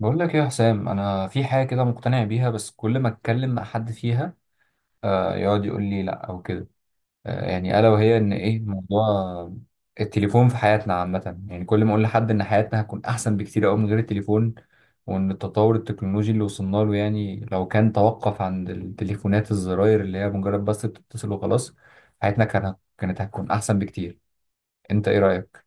بقول لك إيه يا حسام؟ انا في حاجه كده مقتنع بيها، بس كل ما اتكلم مع حد فيها يقعد يقول لي لا او كده. يعني الا وهي ان ايه؟ موضوع التليفون في حياتنا عامه. يعني كل ما اقول لحد ان حياتنا هتكون احسن بكتير قوي من غير التليفون، وان التطور التكنولوجي اللي وصلنا له، يعني لو كان توقف عند التليفونات الزراير اللي هي مجرد بس بتتصل وخلاص، حياتنا كانت هتكون احسن بكتير. انت ايه رايك؟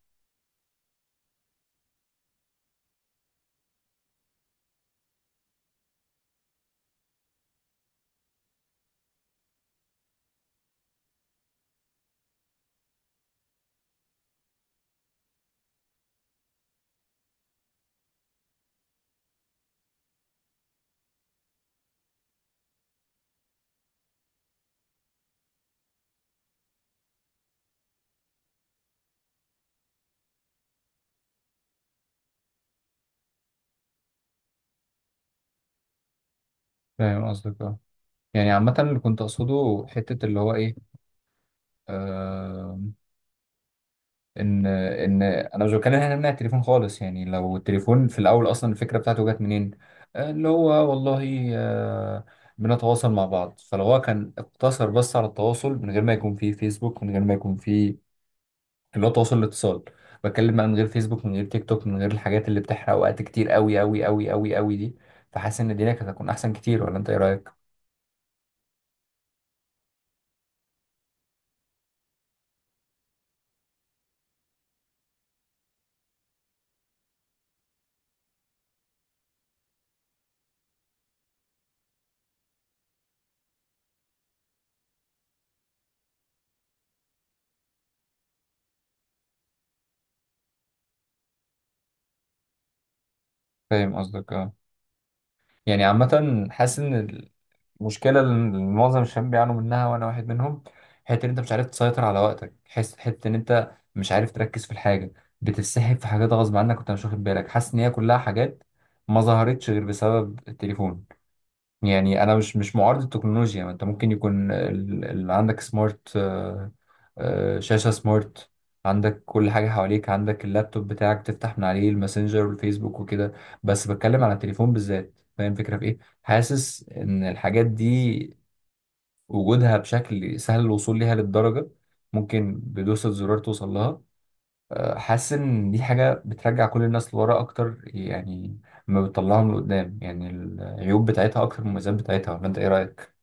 فاهم قصدك، اه. يعني عامه اللي كنت اقصده حته اللي هو ايه، آه، ان انا مش بتكلم هنا نمنع التليفون خالص، يعني لو التليفون في الاول اصلا الفكره بتاعته جت منين؟ اللي هو والله، بنتواصل مع بعض. فلو هو كان اقتصر بس على التواصل من غير ما يكون فيه فيسبوك، من غير ما يكون فيه اللي هو تواصل الاتصال، بتكلم بقى من غير فيسبوك من غير تيك توك من غير الحاجات اللي بتحرق وقت كتير قوي قوي قوي قوي قوي دي، فحاسس ان الدنيا كانت هتكون احسن كتير. ولا انت ايه رايك؟ فاهم قصدك، اه. يعني عامه حاسس ان مشكلة اللي معظم الشباب بيعانوا منها، وأنا واحد منهم، حتة إن أنت مش عارف تسيطر على وقتك. حس حتة إن أنت مش عارف تركز في الحاجة، بتتسحب في حاجات غصب عنك وأنت مش واخد بالك. حاسس إن هي كلها حاجات ما ظهرتش غير بسبب التليفون. يعني انا مش معارض التكنولوجيا، ما انت ممكن يكون عندك سمارت، شاشة سمارت، عندك كل حاجة حواليك، عندك اللابتوب بتاعك تفتح من عليه الماسنجر والفيسبوك وكده، بس بتكلم على التليفون بالذات. فاهم الفكرة في ايه؟ حاسس ان الحاجات دي وجودها بشكل سهل الوصول ليها للدرجة، ممكن بدوسة زرار توصل لها. حاسس ان دي حاجة بترجع كل الناس لورا اكتر يعني، ما بتطلعهم لقدام. يعني العيوب بتاعتها اكتر من المميزات بتاعتها. ولا انت ايه رايك؟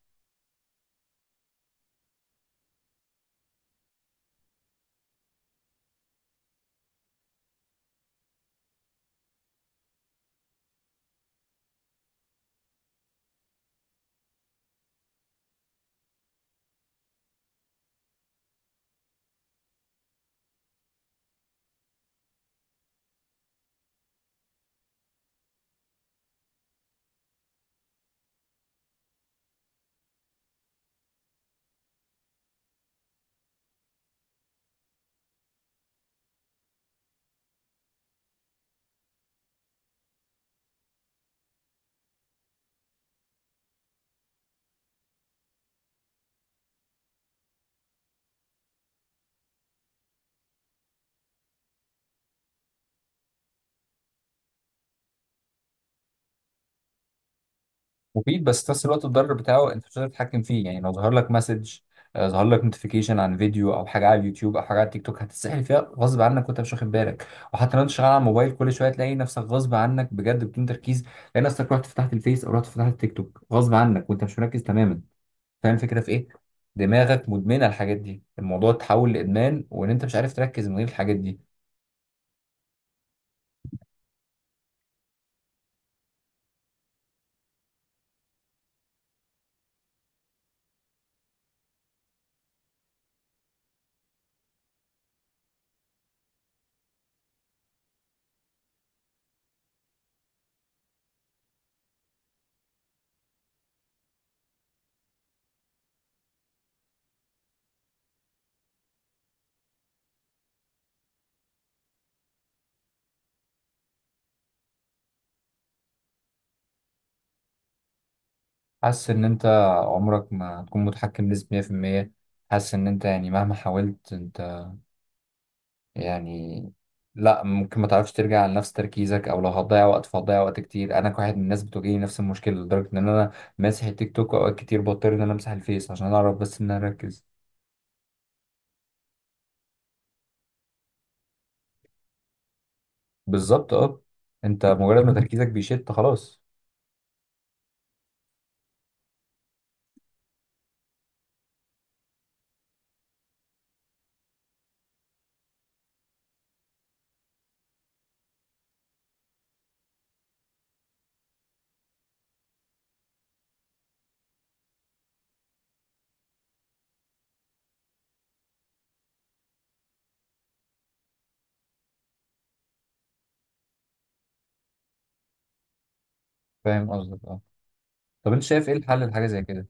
مفيد، بس في نفس الوقت الضرر بتاعه انت مش قادر تتحكم فيه. يعني لو ظهر لك مسج، ظهر لك نوتيفيكيشن عن فيديو او حاجه على اليوتيوب او حاجه على التيك توك، هتتسحل فيها غصب عنك وانت مش واخد بالك. وحتى لو انت شغال على الموبايل، كل شويه تلاقي نفسك غصب عنك بجد بدون تركيز، تلاقي نفسك رحت فتحت الفيس او رحت فتحت التيك توك غصب عنك وانت مش مركز تماما. فاهم الفكره في ايه؟ دماغك مدمنه الحاجات دي، الموضوع اتحول لادمان، وان انت مش عارف تركز من غير الحاجات دي. حاسس ان انت عمرك ما هتكون متحكم بنسبه 100%. حاسس ان انت يعني مهما حاولت انت، يعني لا، ممكن ما تعرفش ترجع لنفس تركيزك، او لو هتضيع وقت فهتضيع وقت كتير. انا كواحد من الناس بتواجهني نفس المشكله، لدرجه ان انا ماسح التيك توك. اوقات كتير بضطر ان انا امسح الفيس عشان اعرف بس ان انا اركز. بالظبط، اه. انت مجرد ما تركيزك بيشت، خلاص. فاهم قصدك، اه. طب انت شايف ايه الحل لحاجه زي كده؟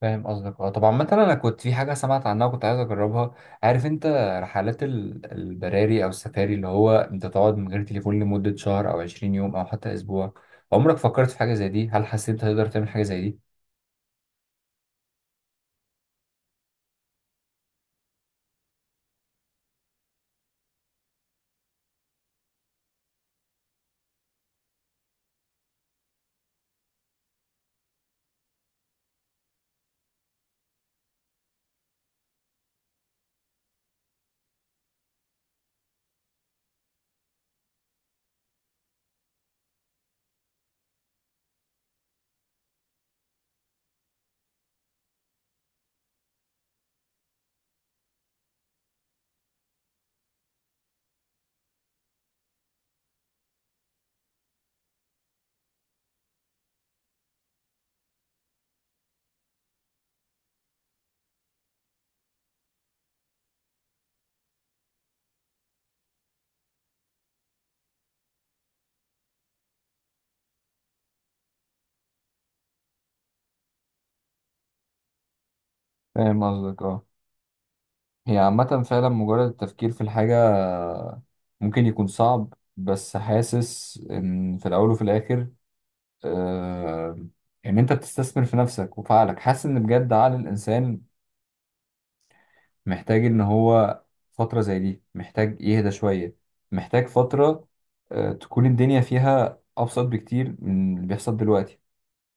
فاهم قصدك، اه. طبعا مثلا انا كنت في حاجه سمعت عنها وكنت عايز اجربها، عارف انت رحلات البراري او السفاري، اللي هو انت تقعد من غير تليفون لمده شهر او 20 يوم او حتى اسبوع. عمرك فكرت في حاجه زي دي؟ هل حسيت انت تقدر تعمل حاجه زي دي؟ فاهم قصدك، اه. هي عامة فعلا مجرد التفكير في الحاجة ممكن يكون صعب، بس حاسس إن في الأول وفي الآخر، آه، إن أنت بتستثمر في نفسك وفي عقلك. حاسس إن بجد عقل الإنسان محتاج ان هو فترة زي دي، محتاج يهدى شوية، محتاج فترة تكون الدنيا فيها ابسط بكتير من اللي بيحصل دلوقتي.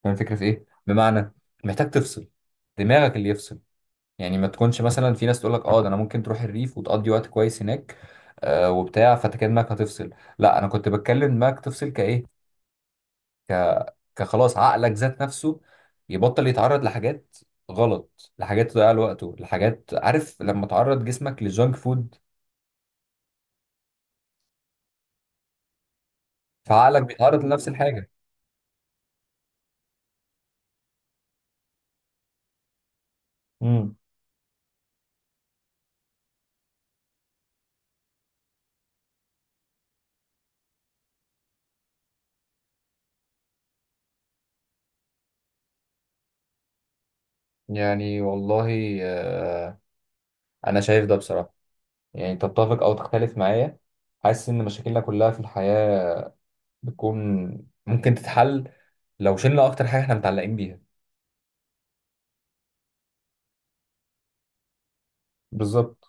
فاهم الفكرة في ايه؟ بمعنى محتاج تفصل دماغك، اللي يفصل. يعني ما تكونش مثلا في ناس تقول لك اه ده انا ممكن تروح الريف وتقضي وقت كويس هناك، وبتاع، فانت كده دماغك هتفصل. لا، انا كنت بتكلم دماغك تفصل كايه، ك... كخلاص عقلك ذات نفسه يبطل يتعرض لحاجات غلط، لحاجات تضيع له وقته، لحاجات، عارف لما تعرض جسمك لجانك فود، فعقلك بيتعرض لنفس الحاجة. امم يعني والله، أنا شايف ده بصراحة، يعني تتفق أو تختلف معايا. حاسس إن مشاكلنا كلها في الحياة بتكون ممكن تتحل لو شلنا أكتر حاجة إحنا متعلقين بيها. بالظبط.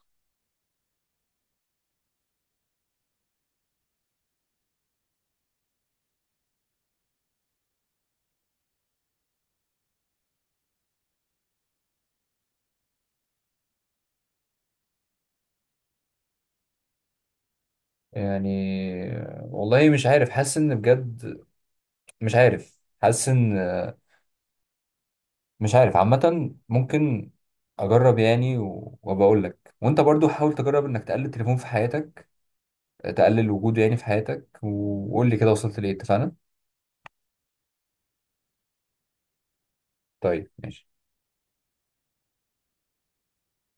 يعني والله مش عارف، حاسس إن بجد مش عارف، حاسس إن مش عارف. عامة ممكن أجرب يعني، وبقول لك، وأنت برضو حاول تجرب إنك تقلل التليفون في حياتك، تقلل وجوده يعني في حياتك، وقول لي كده وصلت لإيه. اتفقنا؟ طيب ماشي.